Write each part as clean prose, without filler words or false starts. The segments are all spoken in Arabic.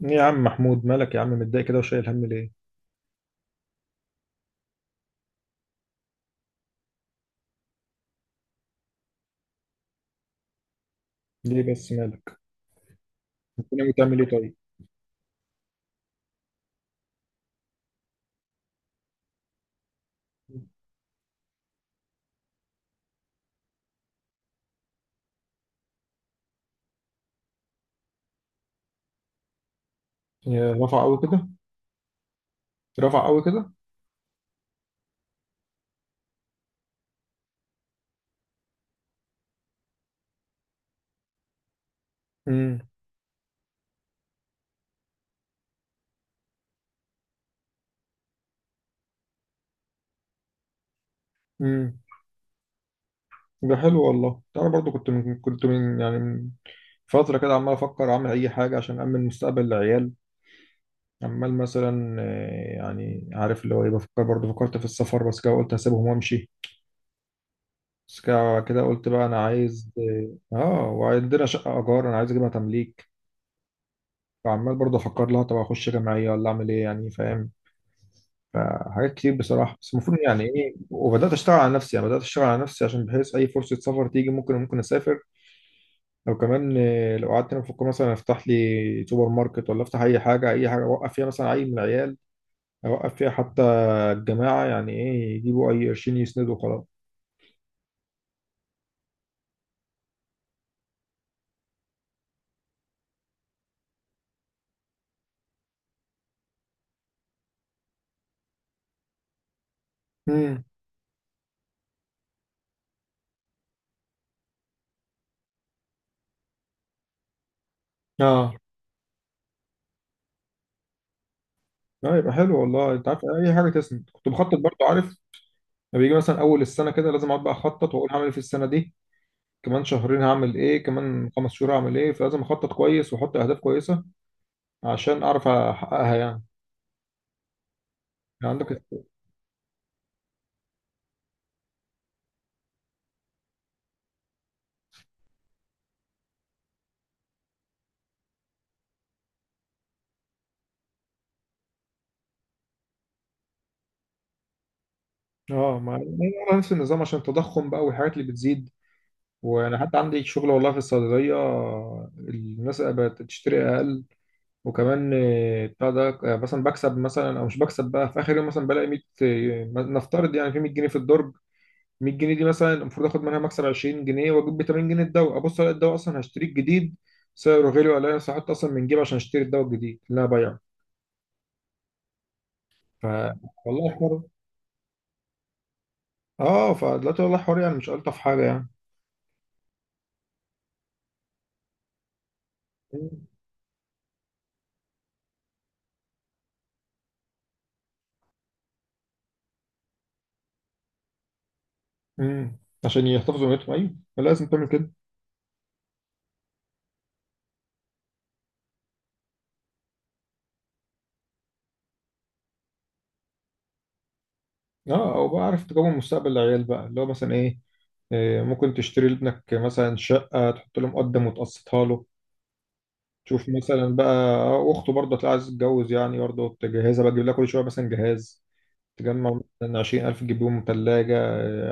يا عم محمود، مالك يا عم متضايق كده وشايل هم ليه؟ ليه بس مالك؟ انت ناوي تعمل ايه طيب؟ يا رفع قوي كده؟ رفع قوي كده؟ امم. امم ده حلو والله. انا برضو كنت من فترة كده عمال افكر اعمل اي حاجة عشان امن مستقبل العيال. عمال مثلا، يعني عارف اللي هو ايه، بفكر برضو، فكرت في السفر بس كده قلت هسيبهم وامشي. بس كده كده قلت بقى انا عايز وعندنا شقة ايجار انا عايز اجيبها تمليك. فعمال برضو افكر لها، طب اخش جمعية ولا اعمل ايه يعني، فاهم؟ فحاجات كتير بصراحة، بس المفروض يعني ايه، وبدأت اشتغل على نفسي. يعني بدأت اشتغل على نفسي عشان بحيث اي فرصة سفر تيجي ممكن اسافر. لو كمان لو قعدت هنا بفكر مثلا افتح لي سوبر ماركت، ولا افتح اي حاجة، اي حاجة اوقف فيها مثلا عيل من العيال. اوقف فيها حتى الجماعة يعني ايه، يجيبوا اي قرشين يسندوا وخلاص. امم. اه، اه، يبقى حلو والله. انت عارف، اي حاجة تسند. كنت بخطط برضو، عارف، لما بيجي مثلا اول السنة كده لازم اقعد بقى اخطط واقول هعمل ايه في السنة دي. كمان شهرين هعمل ايه، كمان خمس شهور هعمل ايه. فلازم اخطط كويس واحط اهداف كويسة عشان اعرف احققها يعني. يعني عندك. اه، ما أنا نفس النظام عشان التضخم بقى والحاجات اللي بتزيد. وانا حتى عندي شغل والله في الصيدليه، الناس بقت تشتري اقل. وكمان بتاع ده، مثلا بكسب مثلا او مش بكسب. بقى في اخر يوم مثلا بلاقي 100، نفترض يعني، في 100 جنيه في الدرج. 100 جنيه دي مثلا المفروض اخد منها مكسب 20 جنيه واجيب ب 80 جنيه الدواء. ابص الاقي الدواء اصلا هشتريه الجديد سعره غالي، ولا انا سحبت اصلا من جيبي عشان اشتري الدواء الجديد اللي انا بايعه. ف والله حوار. اه، فدلوقتي والله حوار، يعني مش ألطف حاجة يعني. امم. عشان يحتفظوا بنيتهم. أيوه لازم تعمل كده. اه، أو بقى عارف تجمع مستقبل العيال بقى اللي هو مثلا إيه، ممكن تشتري لابنك مثلا شقة، تحط له مقدم وتقسطها له. تشوف مثلا بقى أخته برضه هتلاقي عايزة تتجوز، يعني برضه تجهزها بقى، تجيب لها كل شوية مثلا جهاز. تجمع مثلا 20000 تجيب بيهم تلاجة،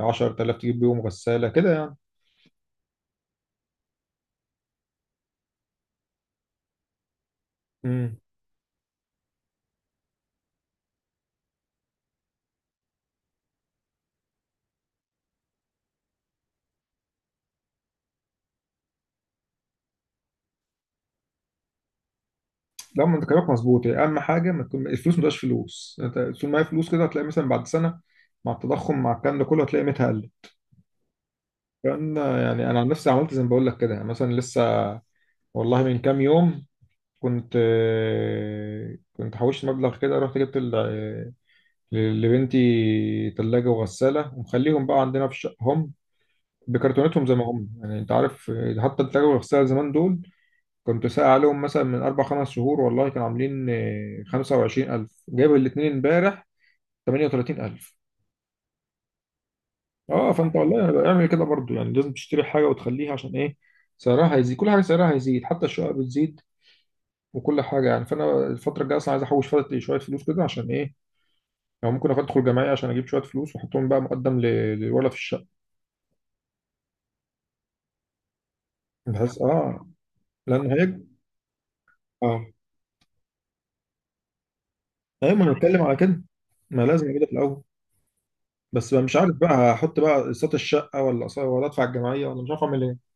10000 تجيب بيهم غسالة كده يعني. مم. لا، ما انت كلامك مظبوط يعني. اهم حاجه ما تكون الفلوس ما تبقاش فلوس. انت طول ما هي فلوس كده هتلاقي مثلا بعد سنه، مع التضخم، مع الكلام ده كله، هتلاقي قيمتها قلت. لان يعني انا عن نفسي عملت زي ما بقول لك كده. يعني مثلا لسه، والله من كام يوم كنت كنت حوشت مبلغ كده، رحت جبت لبنتي ثلاجه وغساله، ومخليهم بقى عندنا في شقهم بكرتونتهم زي ما هم يعني انت عارف. حتى الثلاجه والغساله زمان دول كنت سائل عليهم مثلا من أربع خمس شهور، والله كانوا عاملين 25 ألف. جايب الاتنين امبارح 38 ألف. اه، فأنت والله يعني اعمل كده برضو. يعني لازم تشتري حاجة وتخليها عشان إيه، سعرها هيزيد. كل حاجة سعرها هيزيد، حتى الشقق بتزيد. وكل حاجة يعني. فأنا الفترة الجاية أصلا عايز أحوش فترة شوية فلوس كده عشان إيه، أو ممكن أدخل جمعية عشان أجيب شوية فلوس وأحطهم بقى مقدم للولد في الشقة، بحيث اه، لأن هيك. اه. أيوة، ما أنا بتكلم على كده. ما لازم كده في الأول. بس بقى مش عارف بقى، هحط بقى اقساط الشقه ولا ولا ادفع الجمعيه، ولا مش عارف اعمل ايه.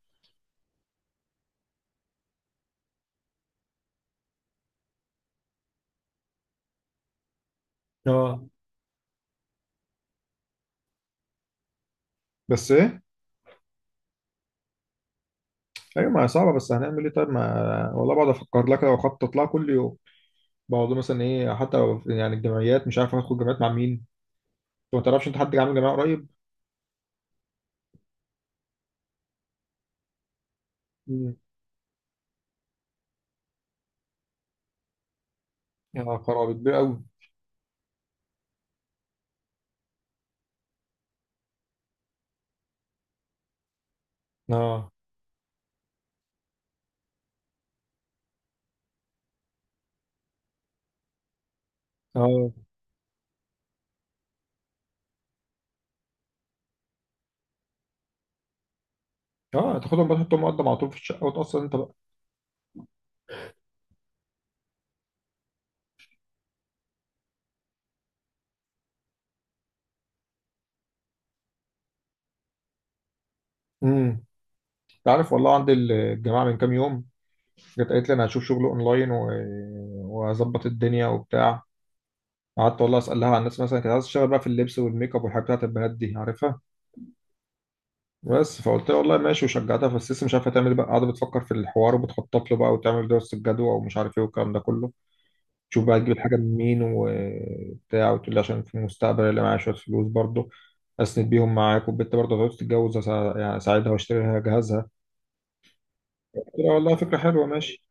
اه. بس ايه. ايوه، ما هي صعبه، بس هنعمل ايه طيب؟ ما والله بقعد افكر لك واخطط لها كل يوم. بقعد مثلا ايه، حتى يعني الجمعيات، مش عارف هاخد جمعيات مع مين. انت ما تعرفش، انت حد عامل جمعيه قريب؟ مم. يا خرابي، كبير قوي. اه، اه، اه. تاخدهم بقى تحطهم مقدم على طول في الشقه وتاثر انت بقى. امم. انت عارف والله، عندي الجماعه من كام يوم جت قالت لي انا هشوف شغل اونلاين و واظبط الدنيا وبتاع. قعدت والله اسالها عن الناس. مثلا كانت عايزه تشتغل بقى في اللبس والميك اب والحاجات بتاعت البنات دي عارفها. بس فقلت لها والله ماشي وشجعتها. بس لسه مش عارفه تعمل إيه بقى، قاعده بتفكر في الحوار وبتخطط له بقى وتعمل دراسه الجدوى ومش عارف ايه والكلام ده كله. تشوف بقى تجيب الحاجه من مين وبتاع، وتقول لي عشان في المستقبل اللي معايا شويه فلوس برضه اسند بيهم معاك. والبنت برضه هتقعد تتجوز يعني اساعدها واشتري لها جهازها. قلت لها والله فكره حلوه ماشي.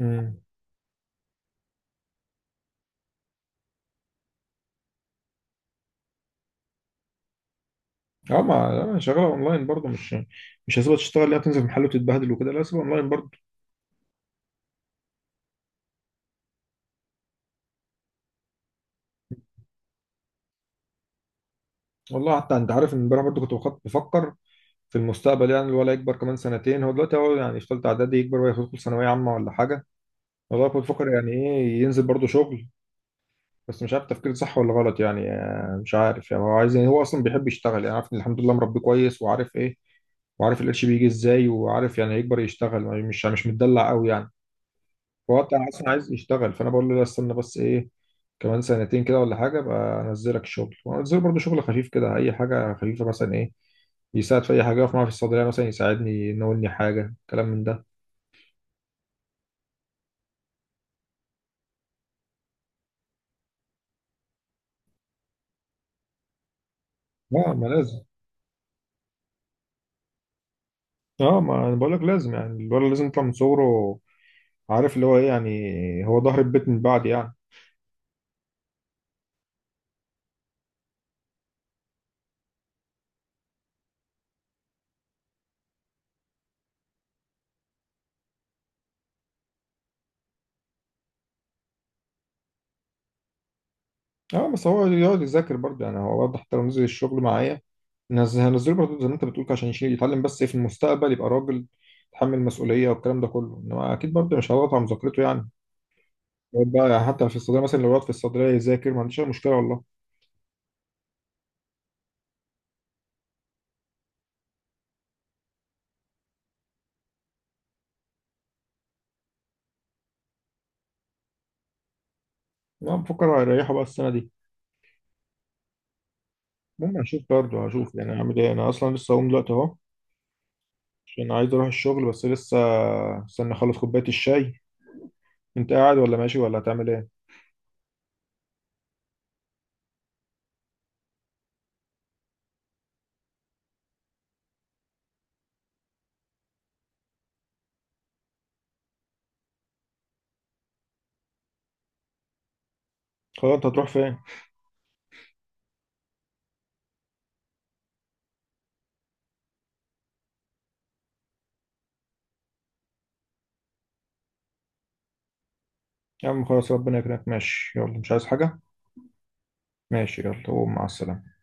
امم. اه، ما أنا شغاله اونلاين برضه مش هسيبها تشتغل لا، تنزل محل وتتبهدل وكده، لا هسيبها اونلاين برضه. والله حتى انت عارف ان امبارح برضه كنت بفكر في المستقبل. يعني الولد يكبر كمان سنتين، هو دلوقتي هو يعني في ثالثه اعدادي، يكبر ويدخل ثانويه عامه ولا حاجه. والله كنت بفكر يعني ايه ينزل برضه شغل. بس مش عارف تفكير صح ولا غلط يعني، مش عارف يعني. هو عايز، يعني هو اصلا بيحب يشتغل. يعني عارف إن الحمد لله مربيه كويس وعارف ايه، وعارف القرش بيجي ازاي، وعارف يعني هيكبر يشتغل، مش متدلع قوي يعني. هو انت اصلا عايز يشتغل، فانا بقول له لا استنى، بس ايه، كمان سنتين كده ولا حاجه بقى انزلك شغل. وانزله برضه شغل خفيف كده، اي حاجه خفيفه مثلا ايه، يساعد في اي حاجه، يقف معايا في الصيدليه مثلا، يساعدني ينولني حاجه، كلام من ده. لا، ما لازم. اه، ما انا بقول لك لازم. يعني الولد لازم يطلع من صغره عارف اللي هو ايه، يعني هو ظهر البيت من بعد يعني. اه، بس هو يقعد يذاكر برضه. يعني هو برضه حتى لو نزل الشغل معايا، نزل، هنزله برضه زي ما انت بتقول كده عشان يشيل يتعلم، بس في المستقبل يبقى راجل يتحمل مسؤولية والكلام ده كله. انما اكيد برضه مش هضغط على مذاكرته يعني. يقعد بقى يعني حتى في الصيدلية مثلا لو يقعد في الصيدلية يذاكر ما عنديش اي مشكلة والله. انا بفكر هيريحه بقى السنة دي. المهم هشوف برضه، هشوف يعني هعمل ايه. انا اصلا لسه هقوم دلوقتي اهو عشان عايز اروح الشغل. بس لسه استنى اخلص كوباية الشاي. انت قاعد ولا ماشي ولا هتعمل ايه؟ خلاص، انت هتروح فين؟ يا عم خلاص ربنا يكرمك، ماشي يلا، مش عايز حاجة. ماشي يلا قوم، مع السلامة.